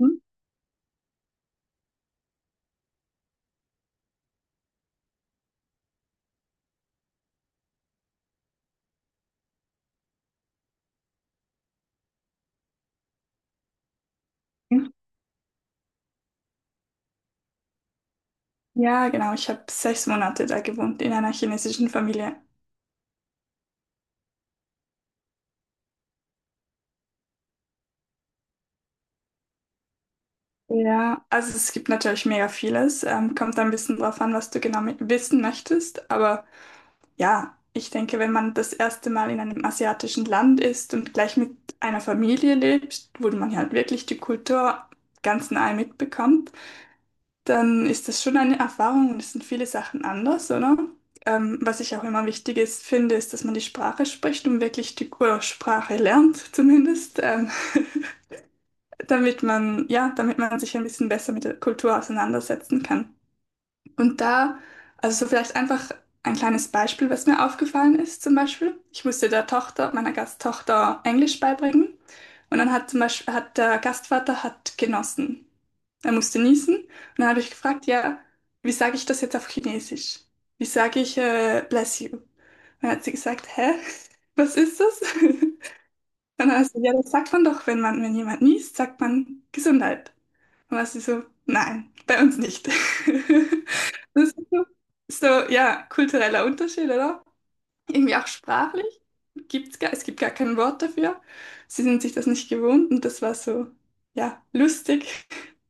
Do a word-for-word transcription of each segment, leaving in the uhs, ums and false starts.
Mhm. Ja, genau. Ich habe sechs Monate da gewohnt in einer chinesischen Familie. Ja, also es gibt natürlich mega vieles. Ähm, kommt ein bisschen drauf an, was du genau mi- wissen möchtest. Aber ja, ich denke, wenn man das erste Mal in einem asiatischen Land ist und gleich mit einer Familie lebt, wo man halt wirklich die Kultur ganz nahe mitbekommt, dann ist das schon eine Erfahrung und es sind viele Sachen anders, oder? Ähm, was ich auch immer wichtig ist, finde, ist, dass man die Sprache spricht und wirklich die oder Sprache lernt, zumindest, ähm, damit man, ja, damit man sich ein bisschen besser mit der Kultur auseinandersetzen kann. Und da, also so vielleicht einfach ein kleines Beispiel, was mir aufgefallen ist, zum Beispiel. Ich musste der Tochter, meiner Gasttochter, Englisch beibringen. Und dann hat zum Beispiel, hat der Gastvater hat genossen. Er musste niesen. Und dann habe ich gefragt, ja, wie sage ich das jetzt auf Chinesisch? Wie sage ich, äh, bless you? Und dann hat sie gesagt, hä? Was ist das? Und dann hat sie, ja, das sagt man doch, wenn man, wenn jemand niest, sagt man Gesundheit. Und dann war sie so, nein, bei uns nicht. Das ist so, so, ja, kultureller Unterschied, oder? Irgendwie auch sprachlich. Gibt's gar, es gibt gar kein Wort dafür. Sie sind sich das nicht gewohnt und das war so, ja, lustig.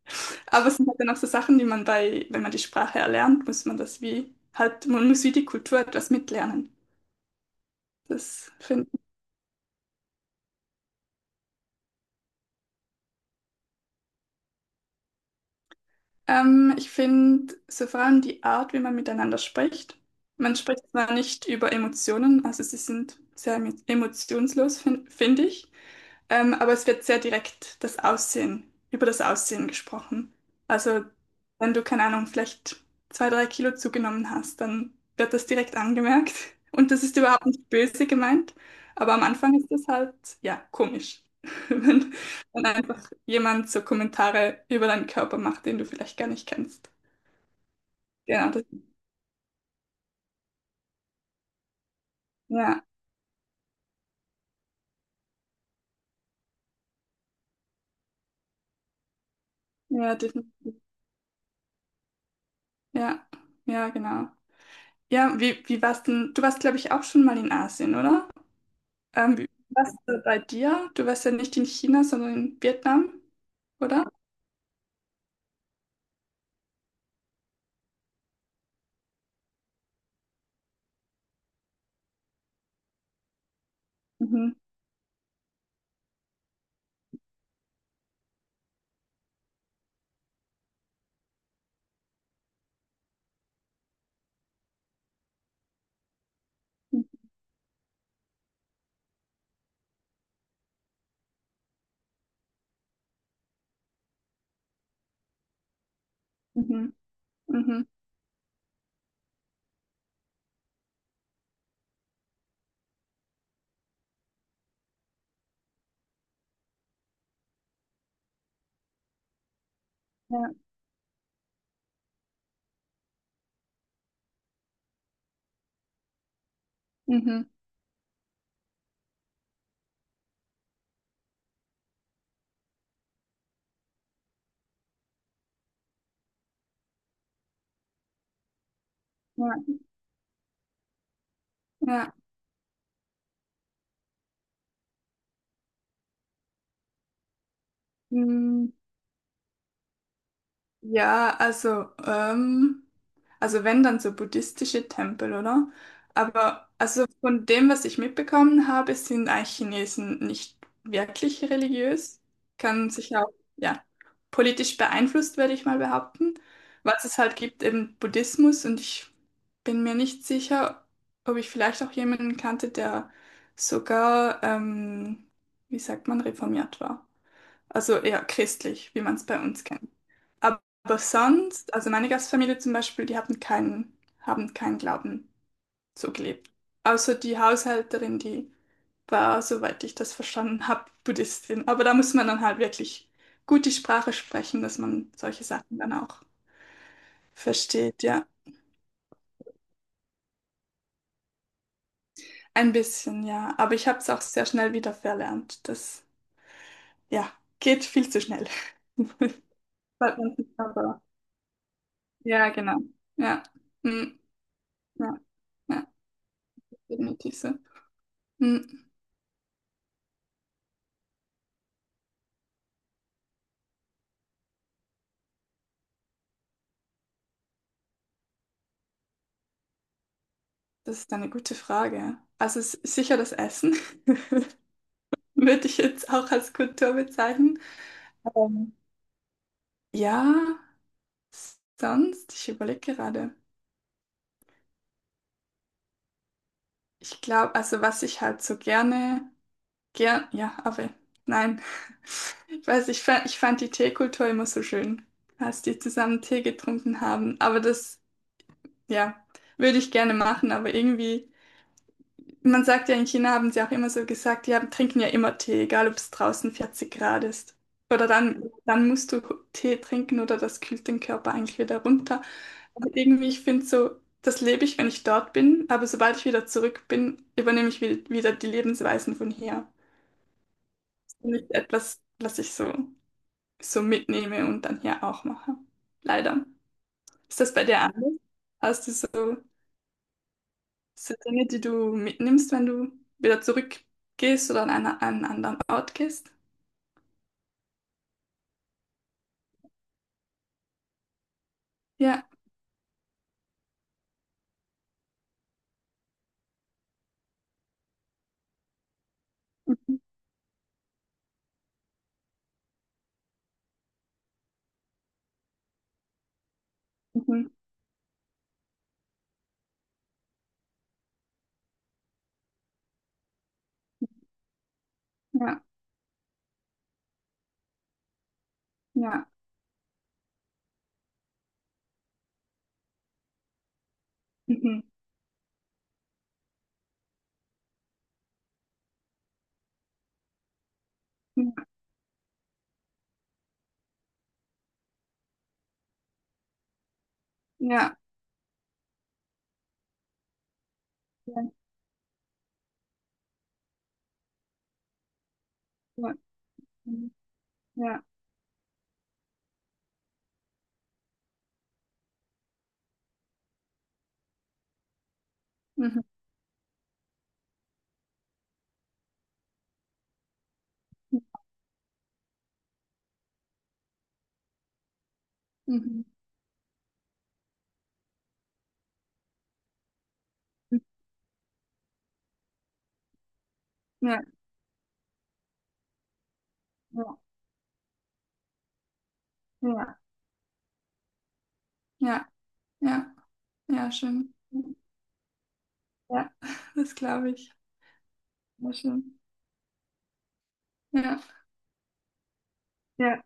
Aber es sind halt dann auch so Sachen, die man bei, wenn man die Sprache erlernt, muss man das wie, halt, man muss wie die Kultur etwas mitlernen. Das finde ich. Ähm, ich finde so vor allem die Art, wie man miteinander spricht. Man spricht zwar nicht über Emotionen, also sie sind sehr emo- emotionslos, finde find ich. Ähm, aber es wird sehr direkt das Aussehen, über das Aussehen gesprochen. Also, wenn du, keine Ahnung, vielleicht zwei, drei Kilo zugenommen hast, dann wird das direkt angemerkt. Und das ist überhaupt nicht böse gemeint, aber am Anfang ist das halt, ja, komisch, wenn, wenn einfach jemand so Kommentare über deinen Körper macht, den du vielleicht gar nicht kennst. Genau, das, ja, ja, definitiv. Ja, ja, genau. Ja, wie, wie warst denn? Du warst, glaube ich, auch schon mal in Asien, oder? Ähm, Wie- was äh, bei dir? Du warst ja nicht in China, sondern in Vietnam, oder? Mhm. Mhm. Mhm. Mhm. Ja. Mhm. Ja. Ja. Mhm. Ja, also, ähm, also wenn dann so buddhistische Tempel, oder? Aber also von dem, was ich mitbekommen habe, sind eigentlich Chinesen nicht wirklich religiös. Kann sich auch, ja, politisch beeinflusst, würde ich mal behaupten. Was es halt gibt, eben Buddhismus und ich bin mir nicht sicher, ob ich vielleicht auch jemanden kannte, der sogar, ähm, wie sagt man, reformiert war. Also eher christlich, wie man es bei uns kennt. Aber sonst, also meine Gastfamilie zum Beispiel, die hatten keinen, haben keinen Glauben so gelebt. Außer die Haushälterin, die war, soweit ich das verstanden habe, Buddhistin. Aber da muss man dann halt wirklich gut die Sprache sprechen, dass man solche Sachen dann auch versteht, ja. Ein bisschen, ja. Aber ich habe es auch sehr schnell wieder verlernt. Das, ja, geht viel zu schnell. Bald man sich aber- Ja, genau. Ja. Mm, ja, ja, definitiv so. Mm. Das ist eine gute Frage. Also s- sicher das Essen würde ich jetzt auch als Kultur bezeichnen. Ähm, ja, s- sonst, ich überlege gerade. Ich glaube, also was ich halt so gerne, gern, ja, aber nein. Ich weiß, ich fand, ich fand die Teekultur immer so schön, als die zusammen Tee getrunken haben. Aber das, ja, würde ich gerne machen, aber irgendwie. Man sagt ja, in China haben sie auch immer so gesagt, die haben, trinken ja immer Tee, egal ob es draußen vierzig Grad ist. Oder dann, dann musst du Tee trinken oder das kühlt den Körper eigentlich wieder runter. Aber irgendwie, ich finde so, das lebe ich, wenn ich dort bin, aber sobald ich wieder zurück bin, übernehme ich wieder, wieder die Lebensweisen von hier. Das ist nicht etwas, was ich so, so mitnehme und dann hier auch mache. Leider. Ist das bei dir anders? Hast du so. Das sind Dinge, die du mitnimmst, wenn du wieder zurückgehst oder an, einer, an einen anderen Ort gehst. Ja. Mhm. Mhm. Ja. Ja. Mhm. Ja. Ja. Ja. Ja. Mhm. Ja. Mhm. Mhm. Ja. Ja. Ja. Ja. Ja. Ja. Schön. Ja. Das glaube ich. Ja, schön. Ja. Ja.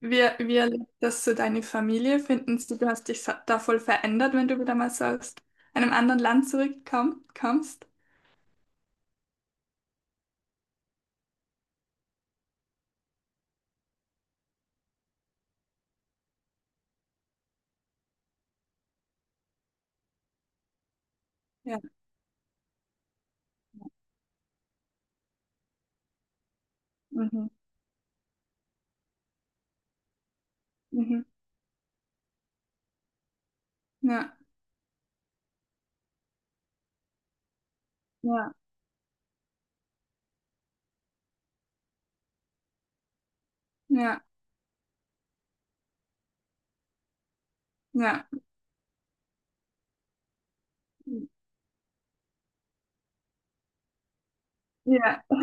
Wie, wie erlebt das so deine Familie? Finden sie, du hast dich sa- da voll verändert, wenn du wieder mal so aus einem anderen Land zurückkommst? Ja. Mhm. Mhm. Ja, ja, ja, ja, ja.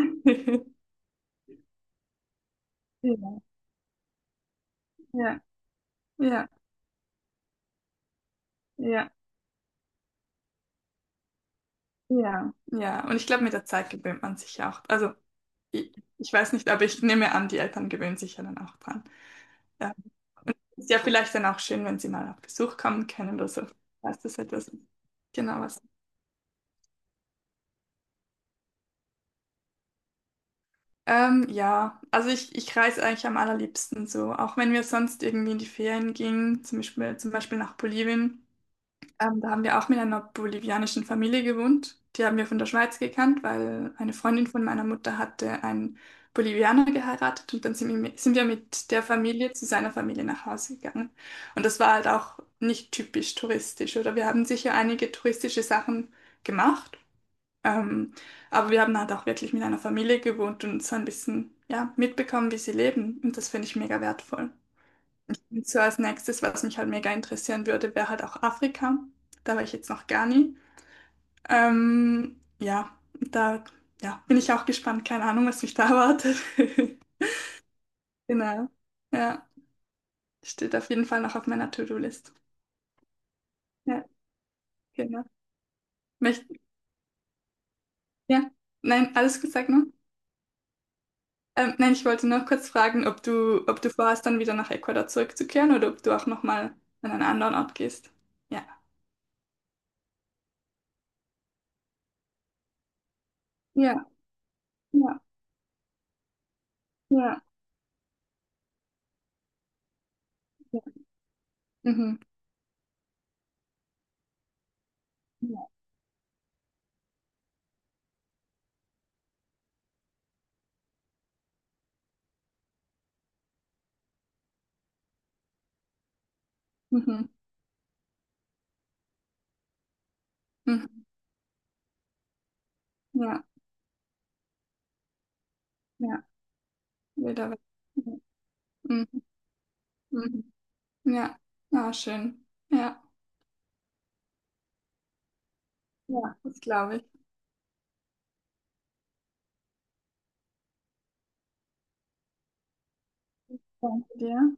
Ja, ja, ja, ja, ja, ja. Und ich glaube, mit der Zeit gewöhnt man sich ja auch. Also, ich, ich weiß nicht, aber ich nehme an, die Eltern gewöhnen sich ja dann auch dran. Ja. Ist ja vielleicht dann auch schön, wenn sie mal auf Besuch kommen können oder so. Weißt du, so etwas. Genau was. Ähm, ja, also ich, ich reise eigentlich am allerliebsten so. Auch wenn wir sonst irgendwie in die Ferien gingen, zum Beispiel, zum Beispiel nach Bolivien. Ähm, da haben wir auch mit einer bolivianischen Familie gewohnt. Die haben wir von der Schweiz gekannt, weil eine Freundin von meiner Mutter hatte einen Bolivianer geheiratet und dann sind wir mit sind wir mit der Familie zu seiner Familie nach Hause gegangen. Und das war halt auch nicht typisch touristisch, oder? Wir haben sicher einige touristische Sachen gemacht, ähm, aber wir haben halt auch wirklich mit einer Familie gewohnt und so ein bisschen, ja, mitbekommen, wie sie leben. Und das finde ich mega wertvoll. Und so als nächstes, was mich halt mega interessieren würde, wäre halt auch Afrika. Da war ich jetzt noch gar nie. Ähm, ja, da ja, bin ich auch gespannt. Keine Ahnung, was mich da erwartet. Genau. Ja, steht auf jeden Fall noch auf meiner To-Do-List. Ja, genau. Möcht ja, nein, alles gut, sag nur. Ähm, nein, ich wollte nur kurz fragen, ob du, ob du vorhast, dann wieder nach Ecuador zurückzukehren oder ob du auch nochmal an einen anderen Ort gehst. Ja. Ja, ja, ja. Ja. Mhm. Ja. Mhm. Mhm. Ja. Ja, wilder Westen. Ja. Mhm. Mhm. Ja, ah, schön. Ja, ja, das glaube ich. Danke dir.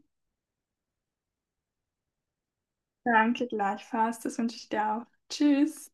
Danke gleichfalls. Das wünsche ich dir auch. Tschüss.